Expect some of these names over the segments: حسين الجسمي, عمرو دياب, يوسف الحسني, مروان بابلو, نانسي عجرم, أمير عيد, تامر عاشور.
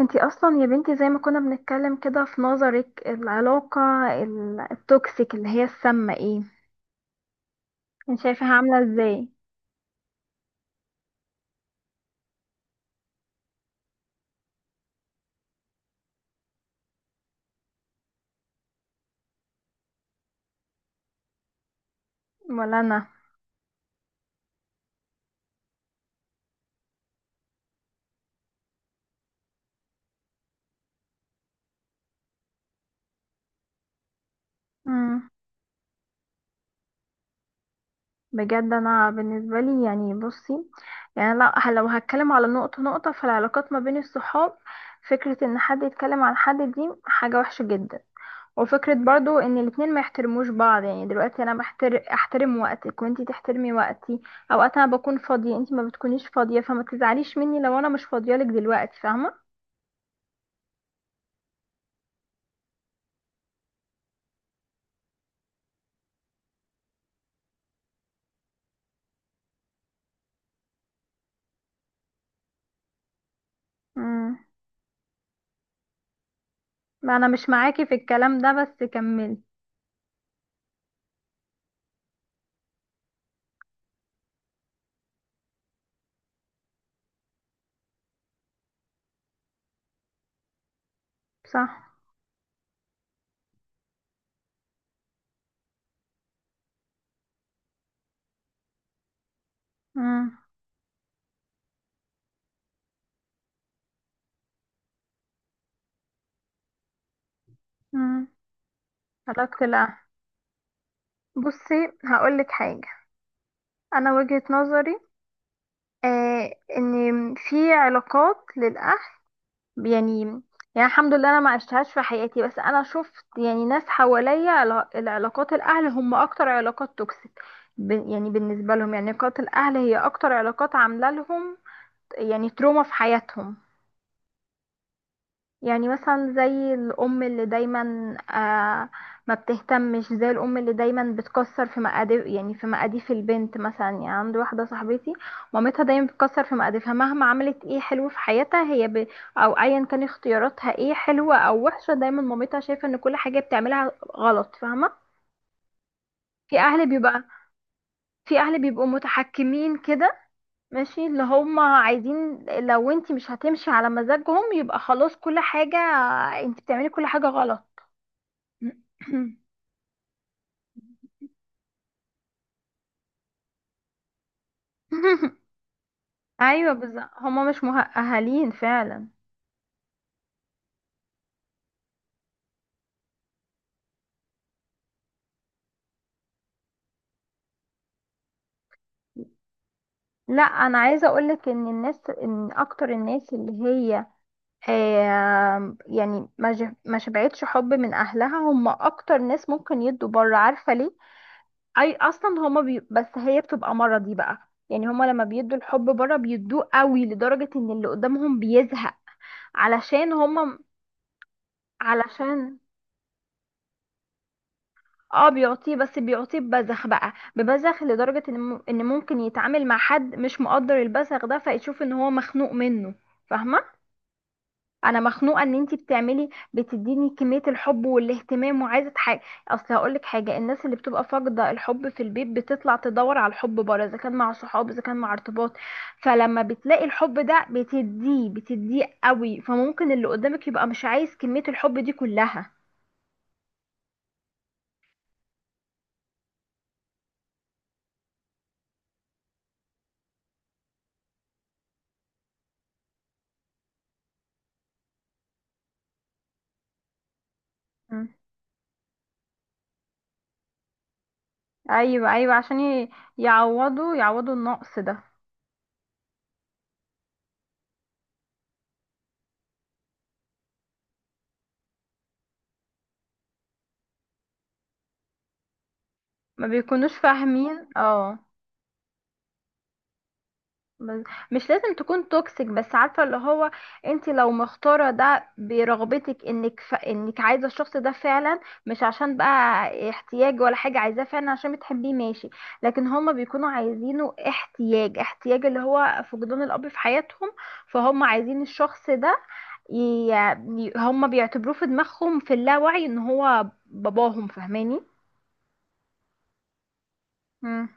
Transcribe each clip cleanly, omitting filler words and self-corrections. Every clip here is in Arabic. انتي اصلا يا بنتي زي ما كنا بنتكلم كده، في نظرك العلاقة التوكسيك اللي هي السامة، ايه؟ انت شايفاها عاملة ازاي؟ ولا انا. مم. بجد انا بالنسبة لي، يعني بصي، يعني لا، لو هتكلم على نقطة نقطة، فالعلاقات ما بين الصحاب، فكرة ان حد يتكلم عن حد دي حاجة وحشة جدا. وفكرة برضو ان الاتنين ما يحترموش بعض. يعني دلوقتي انا احترم وقتك وانتي تحترمي وقتي. اوقات انا بكون فاضية، انتي ما بتكونيش فاضية، فما تزعليش مني لو انا مش فاضية لك دلوقتي. فاهمة؟ امم. ما انا مش معاكي في الكلام ده، بس كملي. صح. امم. امم. لا، بصي هقولك حاجة. انا وجهة نظري ان في علاقات للاهل، يعني يعني الحمد لله انا ما عشتهاش في حياتي، بس انا شفت يعني ناس حواليا العلاقات الاهل هم اكتر علاقات توكسيك. يعني بالنسبه لهم، يعني علاقات الاهل هي اكتر علاقات عامله لهم يعني تروما في حياتهم. يعني مثلا زي الأم اللي دايما آه ما بتهتمش، زي الأم اللي دايما بتكسر في مقاديف، يعني في مقاديف البنت مثلا. يعني عندي واحدة صاحبتي مامتها دايما بتكسر في مقاديفها، مهما عملت ايه حلو في حياتها أو أيا كان اختياراتها ايه، حلوة أو وحشة، دايما مامتها شايفة ان كل حاجة بتعملها غلط. فاهمة؟ في أهل بيبقى في أهل بيبقوا متحكمين كده، ماشي اللي هم عايزين. لو انت مش هتمشي على مزاجهم يبقى خلاص، كل حاجة انت بتعملي كل حاجة غلط. ايوه بالظبط، هما مش مؤهلين فعلا. لا، انا عايزه اقولك ان الناس، ان اكتر الناس اللي هي يعني ما شبعتش حب من اهلها، هم اكتر ناس ممكن يدوا بره. عارفه ليه؟ اي اصلا هما بي، بس هي بتبقى مرضي بقى. يعني هما لما بيدوا الحب بره بيدوه قوي، لدرجه ان اللي قدامهم بيزهق علشان هما، علشان. اه بيعطيه، بس بيعطيه ببذخ بقى، ببذخ لدرجة ان إن ممكن يتعامل مع حد مش مقدر البذخ ده، فيشوف ان هو مخنوق منه. فاهمة؟ انا مخنوقة ان انتي بتديني كمية الحب والاهتمام، وعايزة حاجة. اصل هقولك حاجة، الناس اللي بتبقى فاقدة الحب في البيت بتطلع تدور على الحب بره، اذا كان مع صحاب، اذا كان مع ارتباط. فلما بتلاقي الحب ده بتديه قوي، فممكن اللي قدامك يبقى مش عايز كمية الحب دي كلها. ايوه، ايوه، عشان يعوضوا النقص ده. ما بيكونوش فاهمين، اه. بس- مش لازم تكون توكسيك، بس عارفه اللي هو انت لو مختاره ده برغبتك، انك عايزه الشخص ده فعلا، مش عشان بقى احتياج ولا حاجه، عايزاه فعلا عشان بتحبيه، ماشي. لكن هما بيكونوا عايزينه احتياج، احتياج اللي هو فقدان الاب في حياتهم، فهم عايزين الشخص ده ي... هما بيعتبروه في دماغهم في اللاوعي ان هو باباهم. فاهماني؟ مم.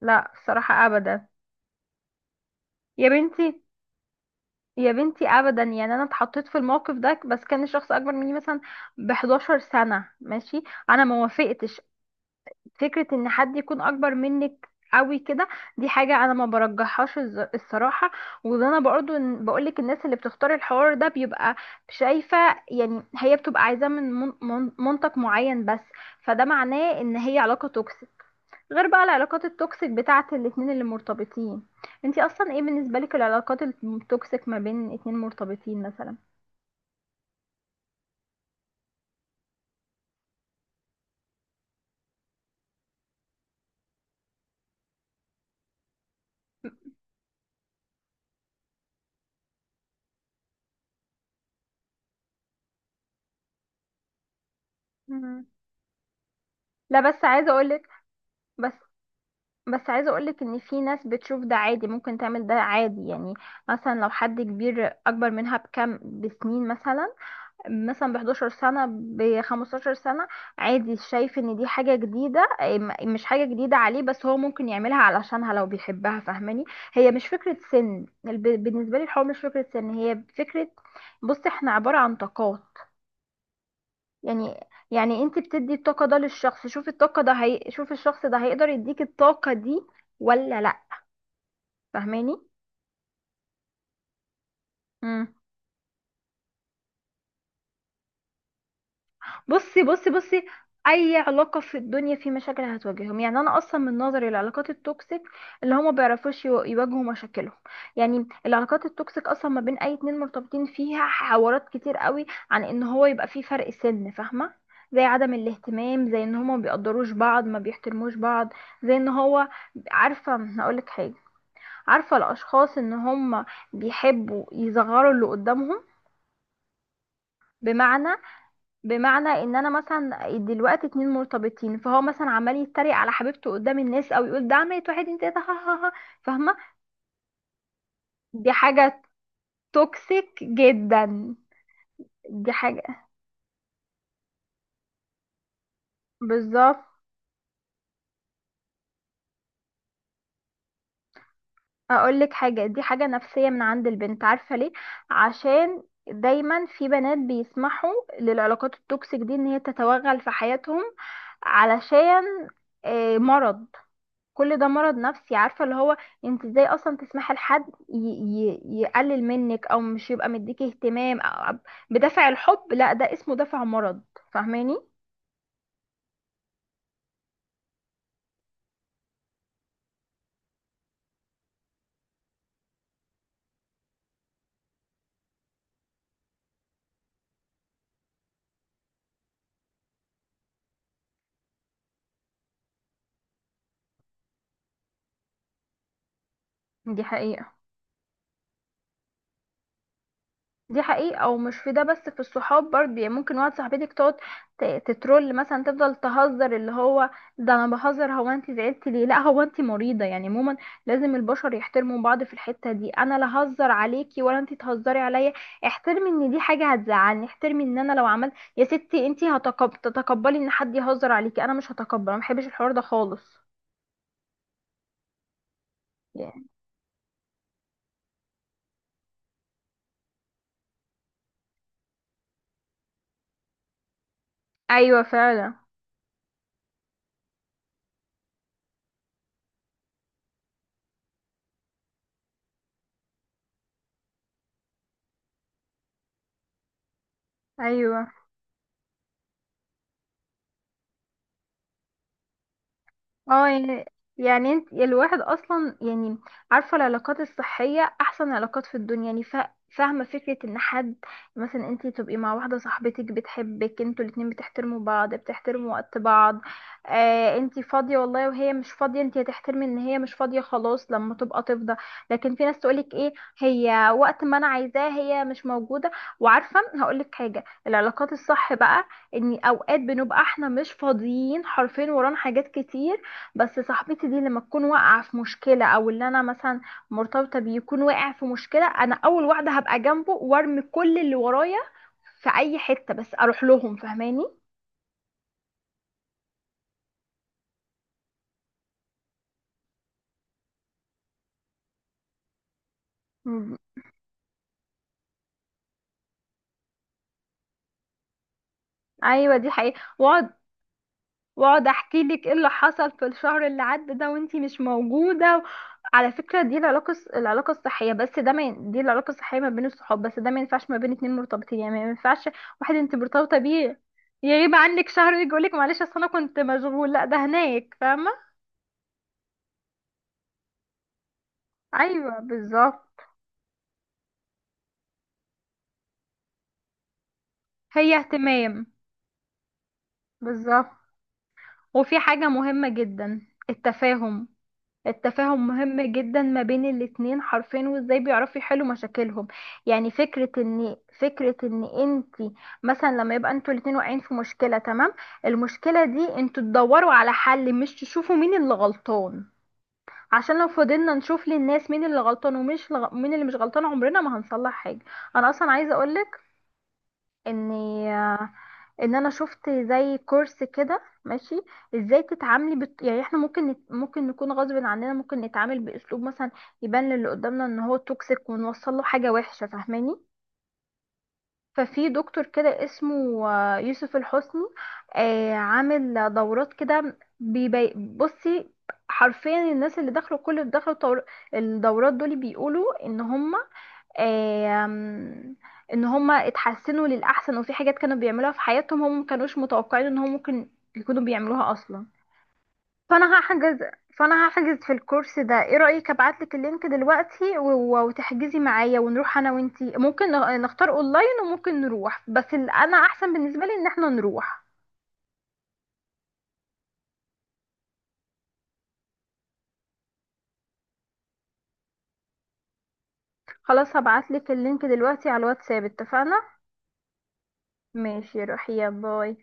لا، الصراحة أبدا. يا بنتي، يا بنتي أبدا. يعني أنا اتحطيت في الموقف ده، بس كان شخص أكبر مني مثلا ب 11 سنة، ماشي. أنا ما وافقتش. فكرة إن حد يكون أكبر منك قوي كده، دي حاجة أنا ما برجحهاش الصراحة. وده أنا برضو بقولك، الناس اللي بتختار الحوار ده بيبقى شايفة يعني هي بتبقى عايزاه من منطق معين بس. فده معناه إن هي علاقة توكسيك. غير بقى العلاقات التوكسيك بتاعت الاتنين اللي مرتبطين. انتي اصلا ايه بالنسبة لك العلاقات التوكسيك ما بين اتنين مرتبطين مثلا؟ مم. لا، بس بس عايزه اقولك ان في ناس بتشوف ده عادي، ممكن تعمل ده عادي. يعني مثلا لو حد كبير اكبر منها بكم بسنين، مثلا ب 11 سنة، ب 15 سنة، عادي. شايف ان دي حاجة جديدة، إيه، مش حاجة جديدة عليه، بس هو ممكن يعملها علشانها لو بيحبها. فاهماني؟ هي مش فكرة سن، بالنسبة لي الحوار مش فكرة سن، هي فكرة، بص، احنا عبارة عن طاقات، يعني يعني انت بتدي الطاقة ده للشخص، شوف الشخص ده هيقدر يديك الطاقة دي ولا لا. فاهماني؟ بصي، بصي، بصي، اي علاقه في الدنيا في مشاكل هتواجههم. يعني انا اصلا من نظري، العلاقات التوكسيك اللي هما بيعرفوش يواجهوا مشاكلهم. يعني العلاقات التوكسيك اصلا ما بين اي اتنين مرتبطين فيها حوارات كتير قوي عن ان هو يبقى في فرق سن، فاهمه؟ زي عدم الاهتمام، زي ان هما ما بيقدروش بعض، ما بيحترموش بعض، زي ان هو عارفه هقولك حاجه، عارفه الاشخاص ان هما بيحبوا يصغروا اللي قدامهم؟ بمعنى بمعنى ان انا مثلا دلوقتي اتنين مرتبطين، فهو مثلا عمال يتريق على حبيبته قدام الناس، او يقول ده عملت واحد اتنين تلاته، ها ها ها. فاهمه؟ دي حاجه توكسيك جدا. دي حاجه بالظبط. اقول لك حاجه، دي حاجه نفسيه من عند البنت. عارفه ليه؟ عشان دايما في بنات بيسمحوا للعلاقات التوكسيك دي ان هي تتوغل في حياتهم. علشان مرض. كل ده مرض نفسي. عارفة اللي هو انت ازاي اصلا تسمحي لحد يقلل منك، او مش يبقى مديكي اهتمام بدافع الحب؟ لا، ده اسمه دافع مرض. فاهماني؟ دي حقيقة دي حقيقة ومش في ده بس، في الصحاب برضه. يعني ممكن واحد صاحبتك تقعد تترول مثلا، تفضل تهزر اللي هو ده انا بهزر. هو انت زعلتي ليه؟ لا، هو انت مريضة يعني؟ عموما لازم البشر يحترموا بعض في الحتة دي، انا لا هزر عليكي ولا انت تهزري عليا. احترمي ان دي حاجة هتزعلني، احترمي ان انا لو عملت يا ستي، انت تتقبلي ان حد يهزر عليكي؟ انا مش هتقبل، انا محبش الحوار ده خالص. يعني. ايوه فعلا. ايوه، اه، يعني، يعني انت، يعني الواحد اصلا يعني عارفه العلاقات الصحيه احسن علاقات في الدنيا. يعني فاهمه فكره ان حد مثلا انت تبقي مع واحده صاحبتك بتحبك، انتوا الاتنين بتحترموا بعض، بتحترموا وقت بعض. انت فاضيه والله، وهي مش فاضيه، انت هتحترمي ان هي مش فاضيه، خلاص لما تبقى تفضى. لكن في ناس تقولك ايه، هي وقت ما انا عايزاها هي مش موجوده. وعارفه هقولك حاجه، العلاقات الصح بقى ان اوقات بنبقى احنا مش فاضيين حرفيا، ورانا حاجات كتير، بس صاحبتي دي لما تكون واقعة في مشكلة، او اللي انا مثلا مرتبطة بيه يكون واقع في مشكلة، انا اول واحدة هبقى جنبه وارمي كل اللي ورايا في اي حتة بس اروح لهم. فاهماني؟ مم. ايوه دي حقيقة. واقعد، واقعد احكي لك ايه اللي حصل في الشهر اللي عدى ده وانتي مش موجوده. على فكره، دي العلاقه العلاقه الصحيه. بس ده ما ين- دي العلاقه الصحيه ما بين الصحاب بس، ده ما ينفعش ما بين اتنين مرتبطين، يعني ما ينفعش واحد انت مرتبطه بيه يغيب عنك شهر يجي يقولك معلش اصل انا كنت مشغول، لا ده هناك. فاهمه؟ ايوه بالظبط. هي اهتمام. بالظبط. وفي حاجه مهمه جدا، التفاهم. التفاهم مهم جدا ما بين الاتنين حرفين، وازاي بيعرفوا يحلوا مشاكلهم. يعني فكرة ان انت مثلا لما يبقى انتوا الاتنين واقعين في مشكلة، تمام؟ المشكلة دي انتوا تدوروا على حل، مش تشوفوا مين اللي غلطان. عشان لو فضلنا نشوف للناس مين اللي غلطان ومش مين اللي مش غلطان، عمرنا ما هنصلح حاجة. انا اصلا عايزة اقولك ان ان انا شفت زي كورس كده، ماشي، ازاي تتعاملي يعني احنا ممكن ممكن نكون غصب عننا ممكن نتعامل باسلوب مثلا يبان للي قدامنا ان هو توكسيك، ونوصل له حاجه وحشه. فاهماني؟ ففي دكتور كده اسمه يوسف الحسني، عامل دورات كده، بصي، حرفيا الناس اللي دخلوا، كل اللي دخلوا الدورات دول بيقولوا ان هم، آم، ان هم اتحسنوا للاحسن. وفي حاجات كانوا بيعملوها في حياتهم هم مكانوش متوقعين ان هم ممكن يكونوا بيعملوها اصلا. فانا هحجز فانا هحجز في الكورس ده. ايه رايك ابعتلك اللينك دلوقتي و- و- وتحجزي معايا ونروح انا وانتي؟ ممكن نختار اونلاين، وممكن نروح، بس انا احسن بالنسبه لي ان احنا نروح. خلاص هبعتلك اللينك دلوقتي على الواتساب، اتفقنا؟ ماشي، روحي، يا باي.